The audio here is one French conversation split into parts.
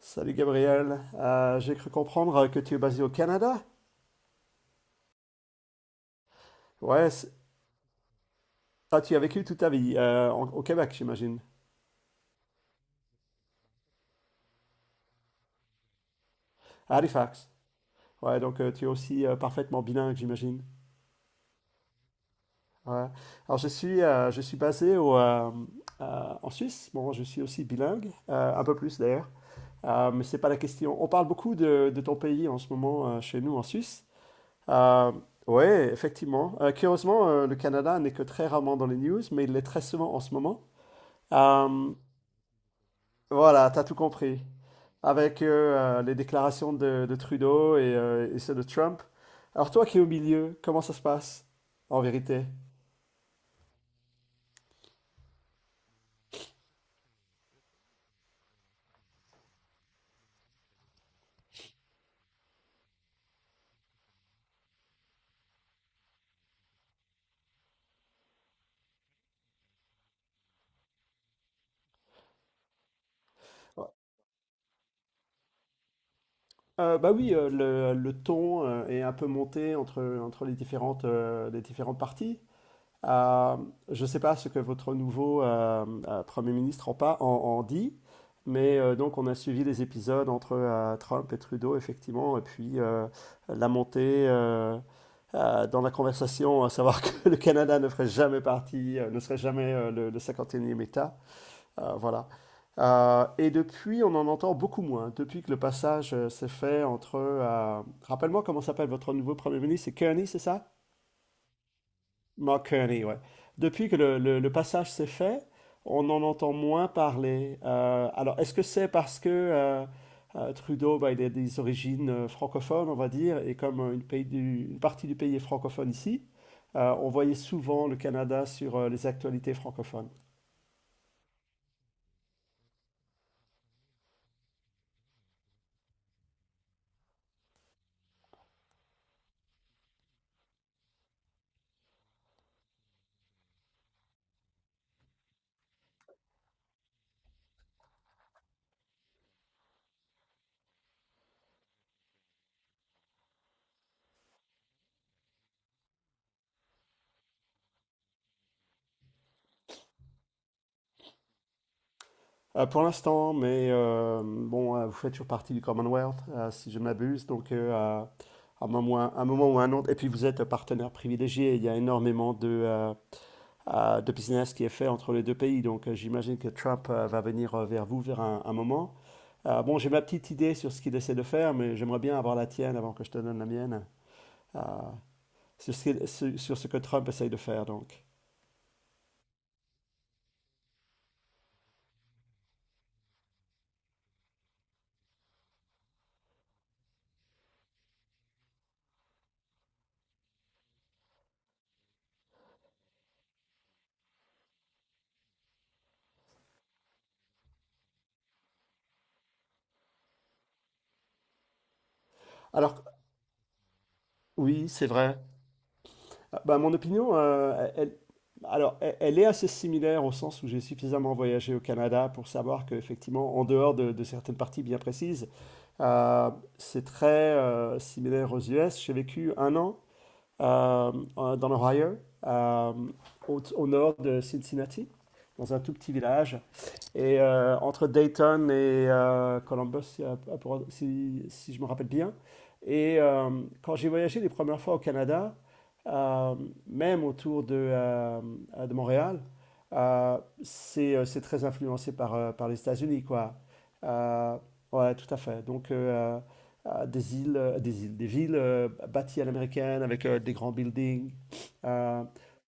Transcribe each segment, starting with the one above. Salut Gabriel. J'ai cru comprendre que tu es basé au Canada. Ouais, c'est- Tu as vécu toute ta vie au Québec, j'imagine, à Halifax. Ouais, donc tu es aussi parfaitement bilingue, j'imagine. Ouais. Alors je suis basé en Suisse. Bon, je suis aussi bilingue, un peu plus d'ailleurs. Mais c'est pas la question. On parle beaucoup de ton pays en ce moment chez nous en Suisse. Euh, ouais, effectivement. Curieusement, le Canada n'est que très rarement dans les news, mais il l'est très souvent en ce moment. Euh, Voilà, t'as tout compris. Avec les déclarations de Trudeau et ceux de Trump. Alors toi qui es au milieu, comment ça se passe en vérité? Bah oui, le ton est un peu monté entre les différentes parties. Euh, je ne sais pas ce que votre nouveau Premier ministre en dit, mais donc on a suivi les épisodes entre Trump et Trudeau, effectivement, et puis la montée dans la conversation, à savoir que le Canada ne ferait jamais partie, ne serait jamais le 51e État. Voilà. Et depuis, on en entend beaucoup moins. Depuis que le passage s'est fait entre rappelle-moi comment s'appelle votre nouveau Premier ministre, c'est Kearney, c'est ça? Mark Kearney, ouais. Depuis que le passage s'est fait, on en entend moins parler. Alors, est-ce que c'est parce que Trudeau, bah, il a des origines francophones, on va dire, et comme pays une partie du pays est francophone ici, on voyait souvent le Canada sur les actualités francophones. Pour l'instant, mais vous faites toujours partie du Commonwealth, si je ne m'abuse, donc à un moment, ou un moment ou un autre, et puis vous êtes un partenaire privilégié, il y a énormément de business qui est fait entre les deux pays. Donc j'imagine que Trump va venir vers vous vers un moment. Bon, j'ai ma petite idée sur ce qu'il essaie de faire, mais j'aimerais bien avoir la tienne avant que je te donne la mienne, euh, sur sur ce que Trump essaye de faire, donc. Alors, oui, c'est vrai. Bah, mon opinion, alors, elle est assez similaire au sens où j'ai suffisamment voyagé au Canada pour savoir qu'effectivement, en dehors de certaines parties bien précises, euh, c'est très similaire aux US. J'ai vécu un an euh, dans l'Ohio, euh, au nord de Cincinnati, dans un tout petit village. Et entre Dayton et Columbus, si je me rappelle bien. Et quand j'ai voyagé les premières fois au Canada, euh, même autour de Montréal, euh, c'est très influencé par, par les États-Unis, quoi. Euh, ouais, tout à fait. Donc, des îles, des villes bâties à l'américaine avec des grands buildings. Euh,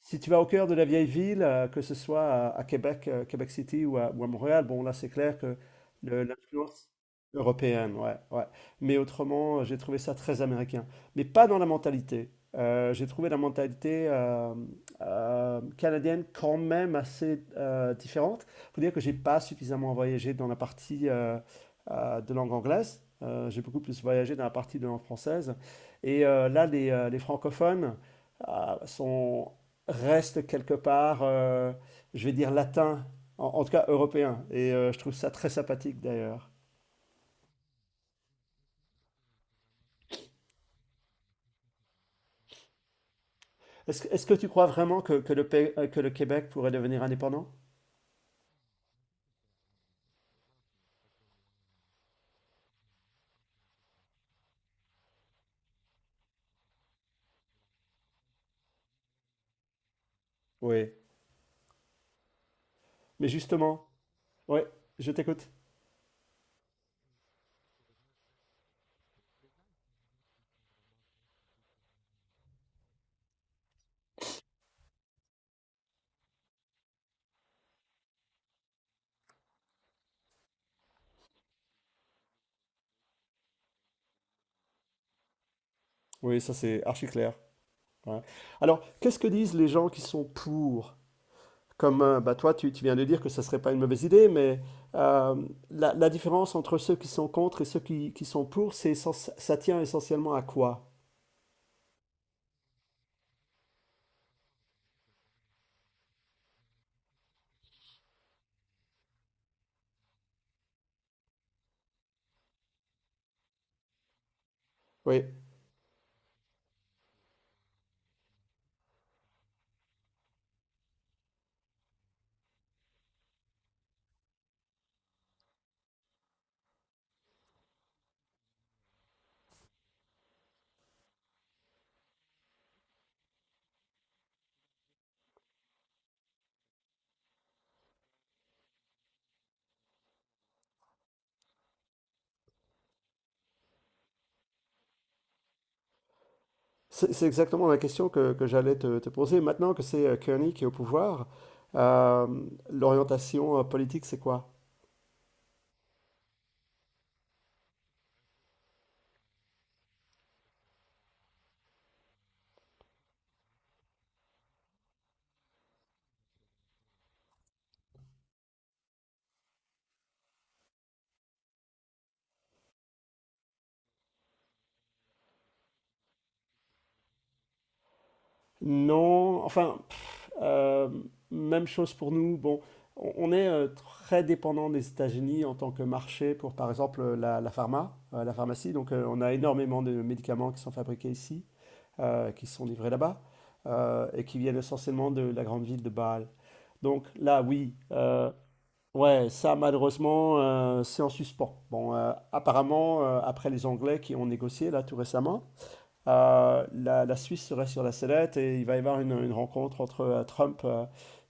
si tu vas au cœur de la vieille ville, que ce soit à Québec, Québec City ou ou à Montréal, bon là c'est clair que l'influence européenne, ouais, ouais. Mais autrement, j'ai trouvé ça très américain. Mais pas dans la mentalité. J'ai trouvé la mentalité canadienne quand même assez différente. Faut dire que j'ai pas suffisamment voyagé dans la partie de langue anglaise. J'ai beaucoup plus voyagé dans la partie de langue française. Et là, les francophones sont reste quelque part, je vais dire, latin, en tout cas européen. Et je trouve ça très sympathique d'ailleurs. Est-ce que tu crois vraiment que que le Québec pourrait devenir indépendant? Oui. Mais justement, oui, je t'écoute. Oui, ça c'est archi clair. Ouais. Alors, qu'est-ce que disent les gens qui sont pour? Comme bah, tu viens de dire que ça serait pas une mauvaise idée, mais euh, la différence entre ceux qui sont contre et ceux qui sont pour, c'est ça tient essentiellement à quoi? Oui. C'est exactement la question que j'allais te poser. Maintenant que c'est Kearney qui est au pouvoir, euh, l'orientation politique, c'est quoi? Non, enfin, pff, euh, même chose pour nous. Bon, on est très dépendant des États-Unis en tant que marché pour, par exemple, la pharma, la pharmacie. Donc, on a énormément de médicaments qui sont fabriqués ici, qui sont livrés là-bas, et qui viennent essentiellement de la grande ville de Bâle. Donc là, oui. Ouais, ça malheureusement, c'est en suspens. Bon, apparemment, après les Anglais qui ont négocié là tout récemment, la Suisse serait sur la sellette et il va y avoir une rencontre entre Trump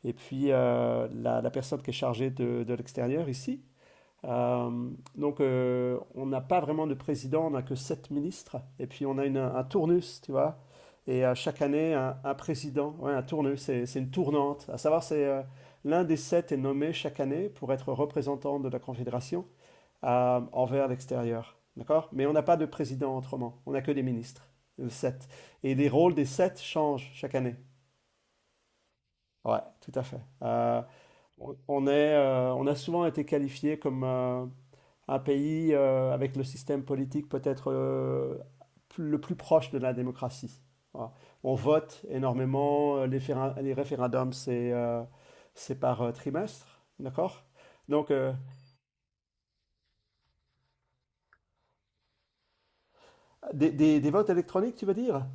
et puis la personne qui est chargée de l'extérieur ici. Euh, donc, on n'a pas vraiment de président, on n'a que sept ministres. Et puis, on a un tournus, tu vois. Et chaque année, un président, ouais, un tournus, c'est une tournante. À savoir, c'est l'un des sept est nommé chaque année pour être représentant de la Confédération envers l'extérieur. D'accord? Mais on n'a pas de président autrement, on n'a que des ministres, sept. Et les rôles des sept changent chaque année. Ouais, tout à fait. On est, on a souvent été qualifié comme un pays avec le système politique peut-être le plus proche de la démocratie. Voilà. On vote énormément, les référendums, c'est par trimestre, d'accord? Donc, des votes électroniques, tu veux dire?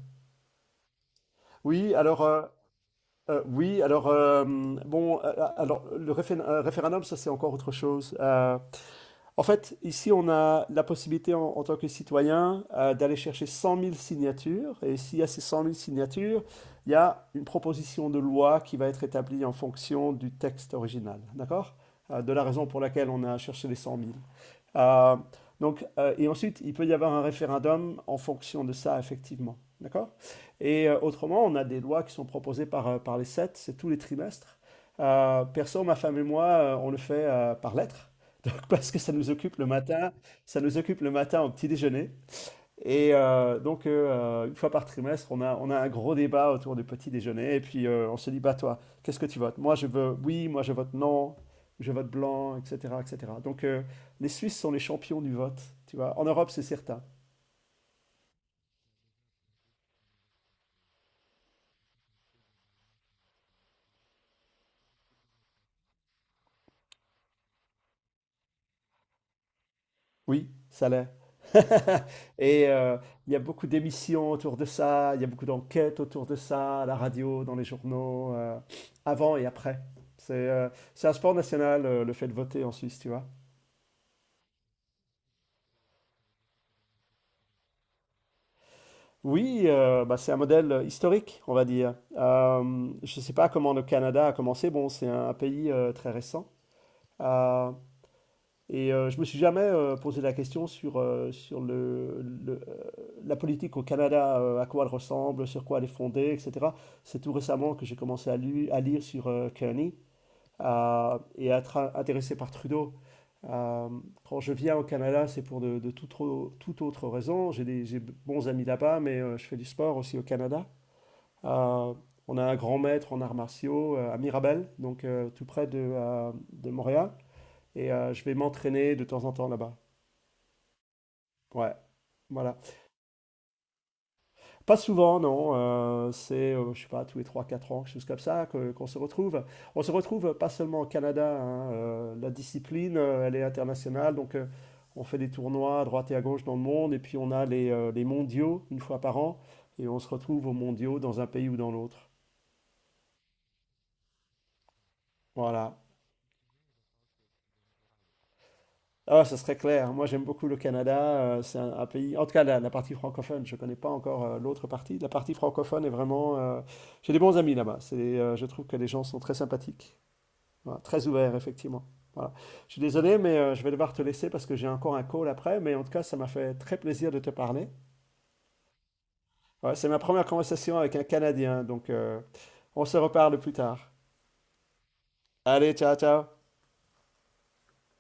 Oui, alors, euh, oui, alors, bon, alors, le réfé- référendum, ça c'est encore autre chose. En fait, ici, on a la possibilité en tant que citoyen d'aller chercher 100 000 signatures. Et s'il y a ces 100 000 signatures, il y a une proposition de loi qui va être établie en fonction du texte original. D'accord? De la raison pour laquelle on a cherché les 100 000. Euh, donc, et ensuite, il peut y avoir un référendum en fonction de ça, effectivement. D'accord. Et autrement, on a des lois qui sont proposées par, par les sept, c'est tous les trimestres. Perso, ma femme et moi, on le fait par lettre. Donc, parce que ça nous occupe ça nous occupe le matin au petit déjeuner. Et une fois par trimestre, on a un gros débat autour du petit déjeuner. Et puis, on se dit, bah toi, qu'est-ce que tu votes? Moi, je veux oui, moi, je vote non, je vote blanc, etc., etc. Donc, les Suisses sont les champions du vote, tu vois. En Europe, c'est certain. Oui, ça l'est. Et il y a beaucoup d'émissions autour de ça, il y a beaucoup d'enquêtes autour de ça, à la radio, dans les journaux, avant et après. C'est un sport national, le fait de voter en Suisse, tu vois. Oui, c'est un modèle historique, on va dire. Je ne sais pas comment le Canada a commencé. Bon, c'est pays très récent. Euh, je me suis jamais posé la question sur la politique au Canada, à quoi elle ressemble, sur quoi elle est fondée, etc. C'est tout récemment que j'ai commencé à lire sur Kearney et à être intéressé par Trudeau. Euh, quand je viens au Canada, c'est pour toute autre raison. J'ai de bons amis là-bas, mais je fais du sport aussi au Canada. Euh, on a un grand maître en arts martiaux à Mirabel, donc tout près de Montréal. Et je vais m'entraîner de temps en temps là-bas. Ouais, voilà. Pas souvent, non. C'est, je sais pas, tous les trois, quatre ans, quelque chose comme ça, qu'on se retrouve. On se retrouve pas seulement au Canada, hein. La discipline, elle est internationale. Donc, on fait des tournois à droite et à gauche dans le monde. Et puis, on a les mondiaux une fois par an. Et on se retrouve aux mondiaux dans un pays ou dans l'autre. Voilà. Ah, ça serait clair. Moi, j'aime beaucoup le Canada. C'est un pays, en tout cas, la partie francophone. Je ne connais pas encore l'autre partie. La partie francophone est vraiment. J'ai des bons amis là-bas. Je trouve que les gens sont très sympathiques. Voilà, très ouvert, effectivement. Voilà. Je suis désolé, mais je vais devoir te laisser parce que j'ai encore un call après. Mais en tout cas, ça m'a fait très plaisir de te parler. Ouais, c'est ma première conversation avec un Canadien, donc on se reparle plus tard. Allez, ciao, ciao.